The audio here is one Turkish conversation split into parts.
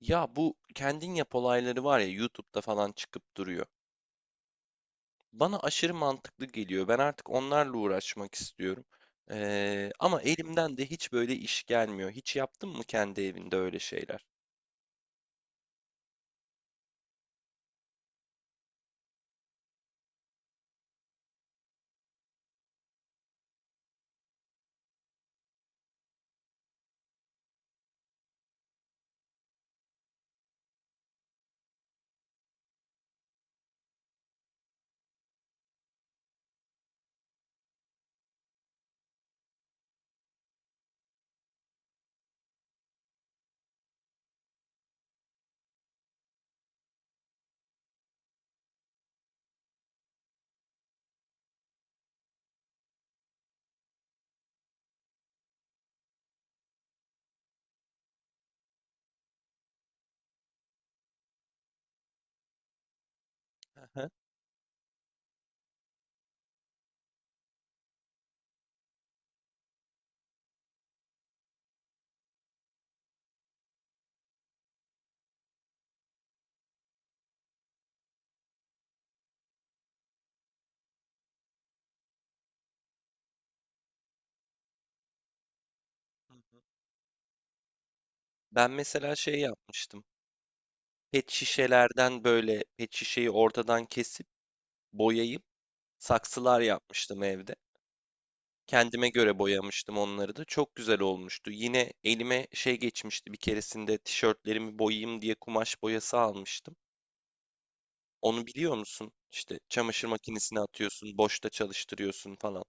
Ya bu kendin yap olayları var ya YouTube'da falan çıkıp duruyor. Bana aşırı mantıklı geliyor. Ben artık onlarla uğraşmak istiyorum. Ama elimden de hiç böyle iş gelmiyor. Hiç yaptın mı kendi evinde öyle şeyler? Aha. Hı hı. Ben mesela şey yapmıştım. Pet şişelerden böyle pet şişeyi ortadan kesip boyayıp saksılar yapmıştım evde. Kendime göre boyamıştım onları da. Çok güzel olmuştu. Yine elime şey geçmişti bir keresinde tişörtlerimi boyayayım diye kumaş boyası almıştım. Onu biliyor musun? İşte çamaşır makinesine atıyorsun, boşta çalıştırıyorsun falan.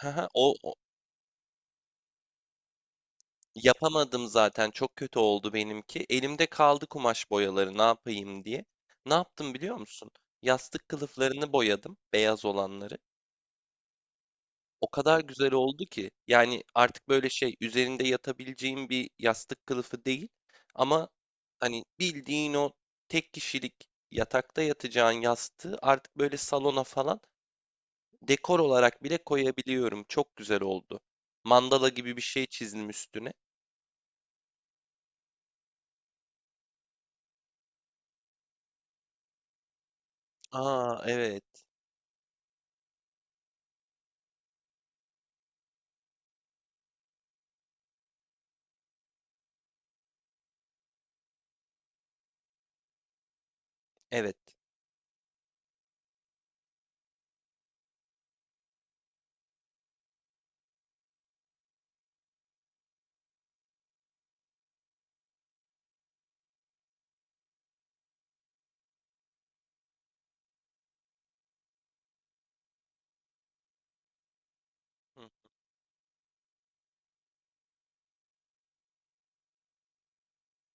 Haha, o yapamadım zaten. Çok kötü oldu benimki. Elimde kaldı kumaş boyaları ne yapayım diye. Ne yaptım biliyor musun? Yastık kılıflarını boyadım, beyaz olanları. O kadar güzel oldu ki yani artık böyle şey üzerinde yatabileceğim bir yastık kılıfı değil ama hani bildiğin o tek kişilik yatakta yatacağın yastığı artık böyle salona falan dekor olarak bile koyabiliyorum. Çok güzel oldu. Mandala gibi bir şey çizdim üstüne. Aa, evet. Evet. Hı,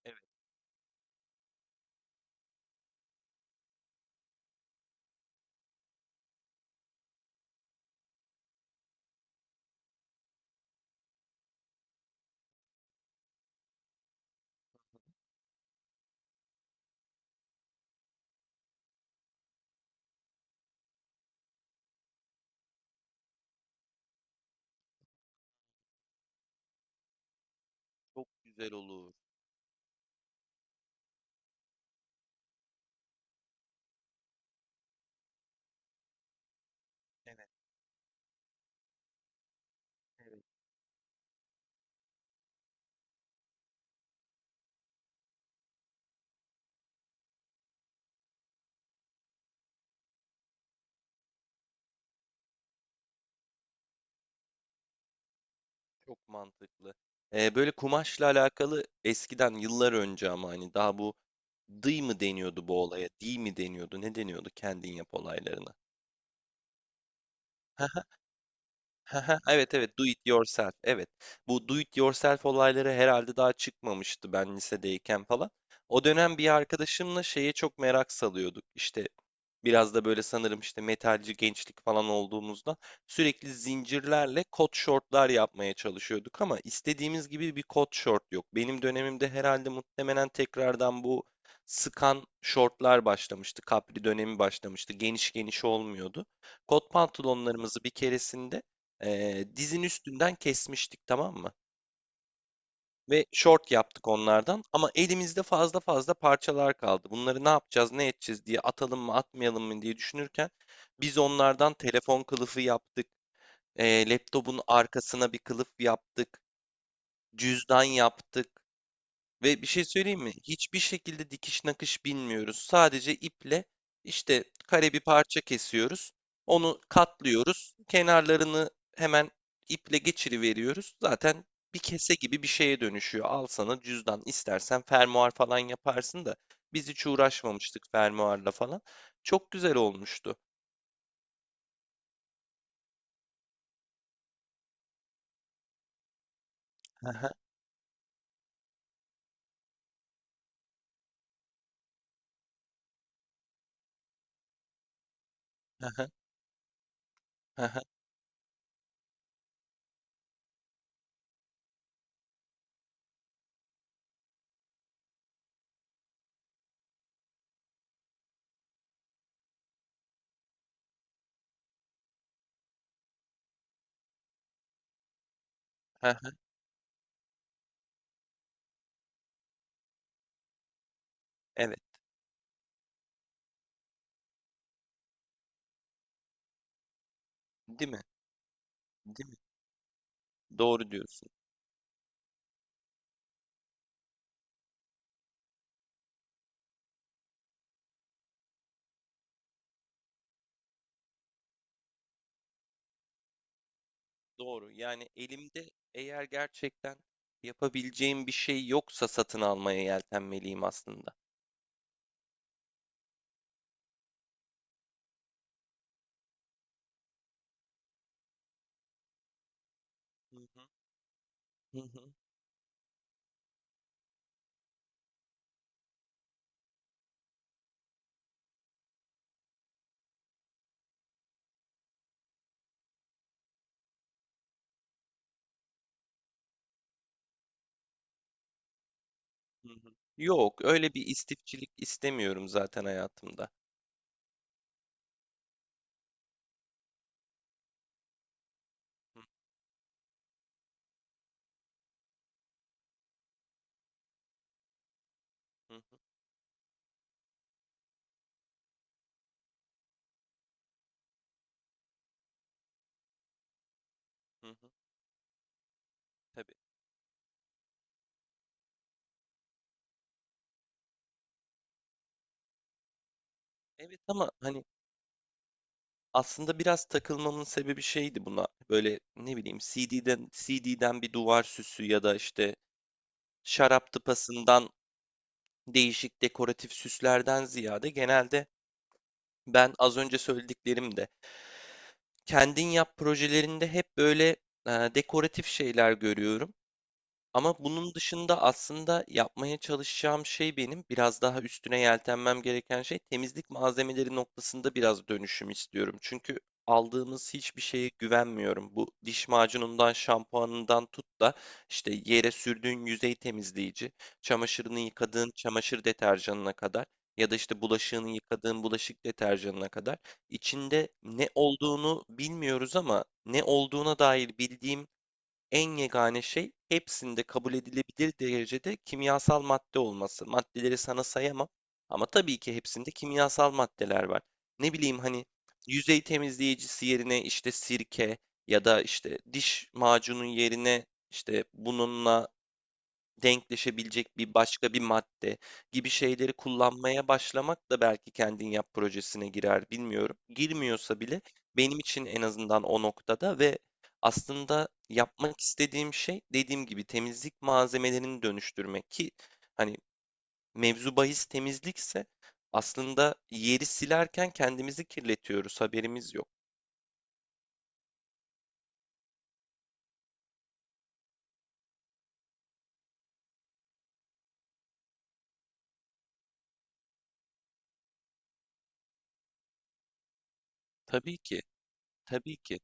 evet, çok güzel olur. Evet, evet, çok mantıklı. Böyle kumaşla alakalı eskiden yıllar önce ama hani daha bu Dıy mı deniyordu bu olaya? Diy mi deniyordu? Ne deniyordu kendin yap olaylarına? Haha, evet, evet, do it yourself, evet. Bu do it yourself olayları herhalde daha çıkmamıştı ben lisedeyken falan. O dönem bir arkadaşımla şeye çok merak salıyorduk. İşte biraz da böyle sanırım işte metalci gençlik falan olduğumuzda sürekli zincirlerle kot şortlar yapmaya çalışıyorduk ama istediğimiz gibi bir kot şort yok. Benim dönemimde herhalde muhtemelen tekrardan bu sıkan şortlar başlamıştı. Kapri dönemi başlamıştı. Geniş geniş olmuyordu. Kot pantolonlarımızı bir keresinde dizin üstünden kesmiştik, tamam mı? Ve short yaptık onlardan ama elimizde fazla fazla parçalar kaldı. Bunları ne yapacağız, ne edeceğiz diye atalım mı, atmayalım mı diye düşünürken biz onlardan telefon kılıfı yaptık. Laptopun arkasına bir kılıf yaptık. Cüzdan yaptık. Ve bir şey söyleyeyim mi? Hiçbir şekilde dikiş nakış bilmiyoruz. Sadece iple işte kare bir parça kesiyoruz. Onu katlıyoruz. Kenarlarını hemen iple geçiriveriyoruz. Zaten bir kese gibi bir şeye dönüşüyor. Al sana cüzdan. İstersen fermuar falan yaparsın da biz hiç uğraşmamıştık fermuarla falan. Çok güzel olmuştu. Hı hı, hı hı, hı hı, hı hı. Evet. Değil mi? Değil mi? Doğru diyorsun. Doğru. Yani elimde eğer gerçekten yapabileceğim bir şey yoksa satın almaya yeltenmeliyim aslında. Hı hı, hı hı, hı hı. Yok, öyle bir istifçilik istemiyorum zaten hayatımda. Hı hı, hı hı, tabii. Evet, ama hani aslında biraz takılmamın sebebi şeydi buna. Böyle ne bileyim CD'den bir duvar süsü ya da işte şarap tıpasından değişik dekoratif süslerden ziyade genelde ben az önce söylediklerim kendin yap projelerinde hep böyle dekoratif şeyler görüyorum. Ama bunun dışında aslında yapmaya çalışacağım şey, benim biraz daha üstüne yeltenmem gereken şey, temizlik malzemeleri noktasında biraz dönüşüm istiyorum. Çünkü aldığımız hiçbir şeye güvenmiyorum. Bu diş macunundan, şampuanından tut da işte yere sürdüğün yüzey temizleyici, çamaşırını yıkadığın çamaşır deterjanına kadar ya da işte bulaşığını yıkadığın bulaşık deterjanına kadar içinde ne olduğunu bilmiyoruz ama ne olduğuna dair bildiğim en yegane şey hepsinde kabul edilebilir derecede kimyasal madde olması. Maddeleri sana sayamam ama tabii ki hepsinde kimyasal maddeler var. Ne bileyim hani yüzey temizleyicisi yerine işte sirke ya da işte diş macunun yerine işte bununla denkleşebilecek bir başka bir madde gibi şeyleri kullanmaya başlamak da belki kendin yap projesine girer, bilmiyorum. Girmiyorsa bile benim için en azından o noktada ve aslında yapmak istediğim şey, dediğim gibi, temizlik malzemelerini dönüştürmek ki hani mevzu bahis temizlikse aslında yeri silerken kendimizi kirletiyoruz, haberimiz yok. Tabii ki, tabii ki.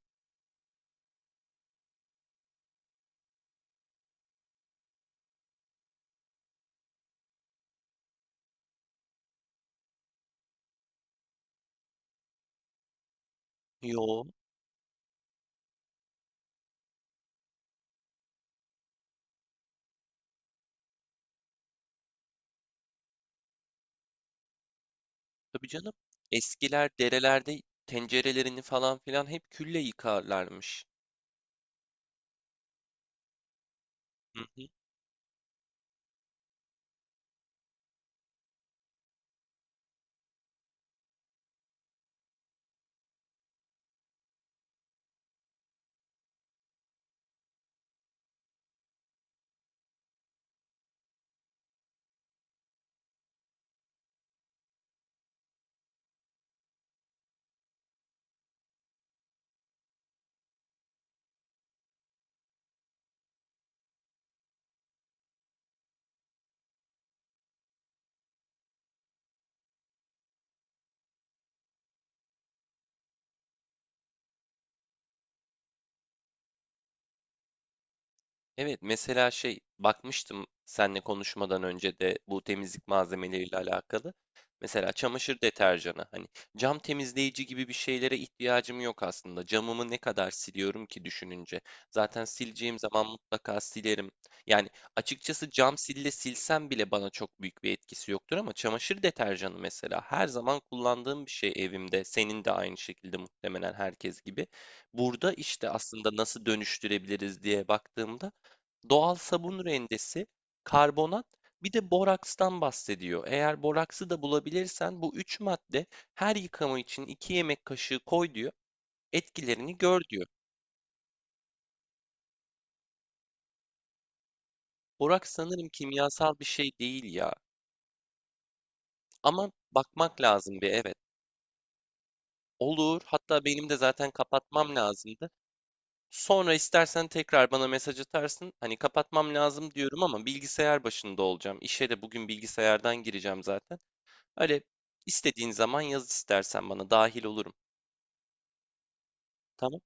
Yo, tabii canım. Eskiler derelerde tencerelerini falan filan hep külle yıkarlarmış. Hı. Evet, mesela şey bakmıştım seninle konuşmadan önce de bu temizlik malzemeleriyle alakalı. Mesela çamaşır deterjanı, hani cam temizleyici gibi bir şeylere ihtiyacım yok aslında. Camımı ne kadar siliyorum ki düşününce. Zaten sileceğim zaman mutlaka silerim. Yani açıkçası cam sille silsem bile bana çok büyük bir etkisi yoktur ama çamaşır deterjanı mesela her zaman kullandığım bir şey evimde. Senin de aynı şekilde, muhtemelen herkes gibi. Burada işte aslında nasıl dönüştürebiliriz diye baktığımda doğal sabun rendesi, karbonat, bir de borakstan bahsediyor. Eğer boraksı da bulabilirsen bu üç madde her yıkama için 2 yemek kaşığı koy diyor. Etkilerini gör diyor. Boraks sanırım kimyasal bir şey değil ya. Ama bakmak lazım bir, evet. Olur. Hatta benim de zaten kapatmam lazımdı. Sonra istersen tekrar bana mesaj atarsın. Hani kapatmam lazım diyorum ama bilgisayar başında olacağım. İşe de bugün bilgisayardan gireceğim zaten. Öyle, istediğin zaman yaz, istersen bana dahil olurum. Tamam.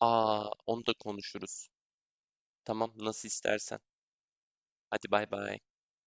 Aa, onu da konuşuruz. Tamam, nasıl istersen. Hadi bay bay.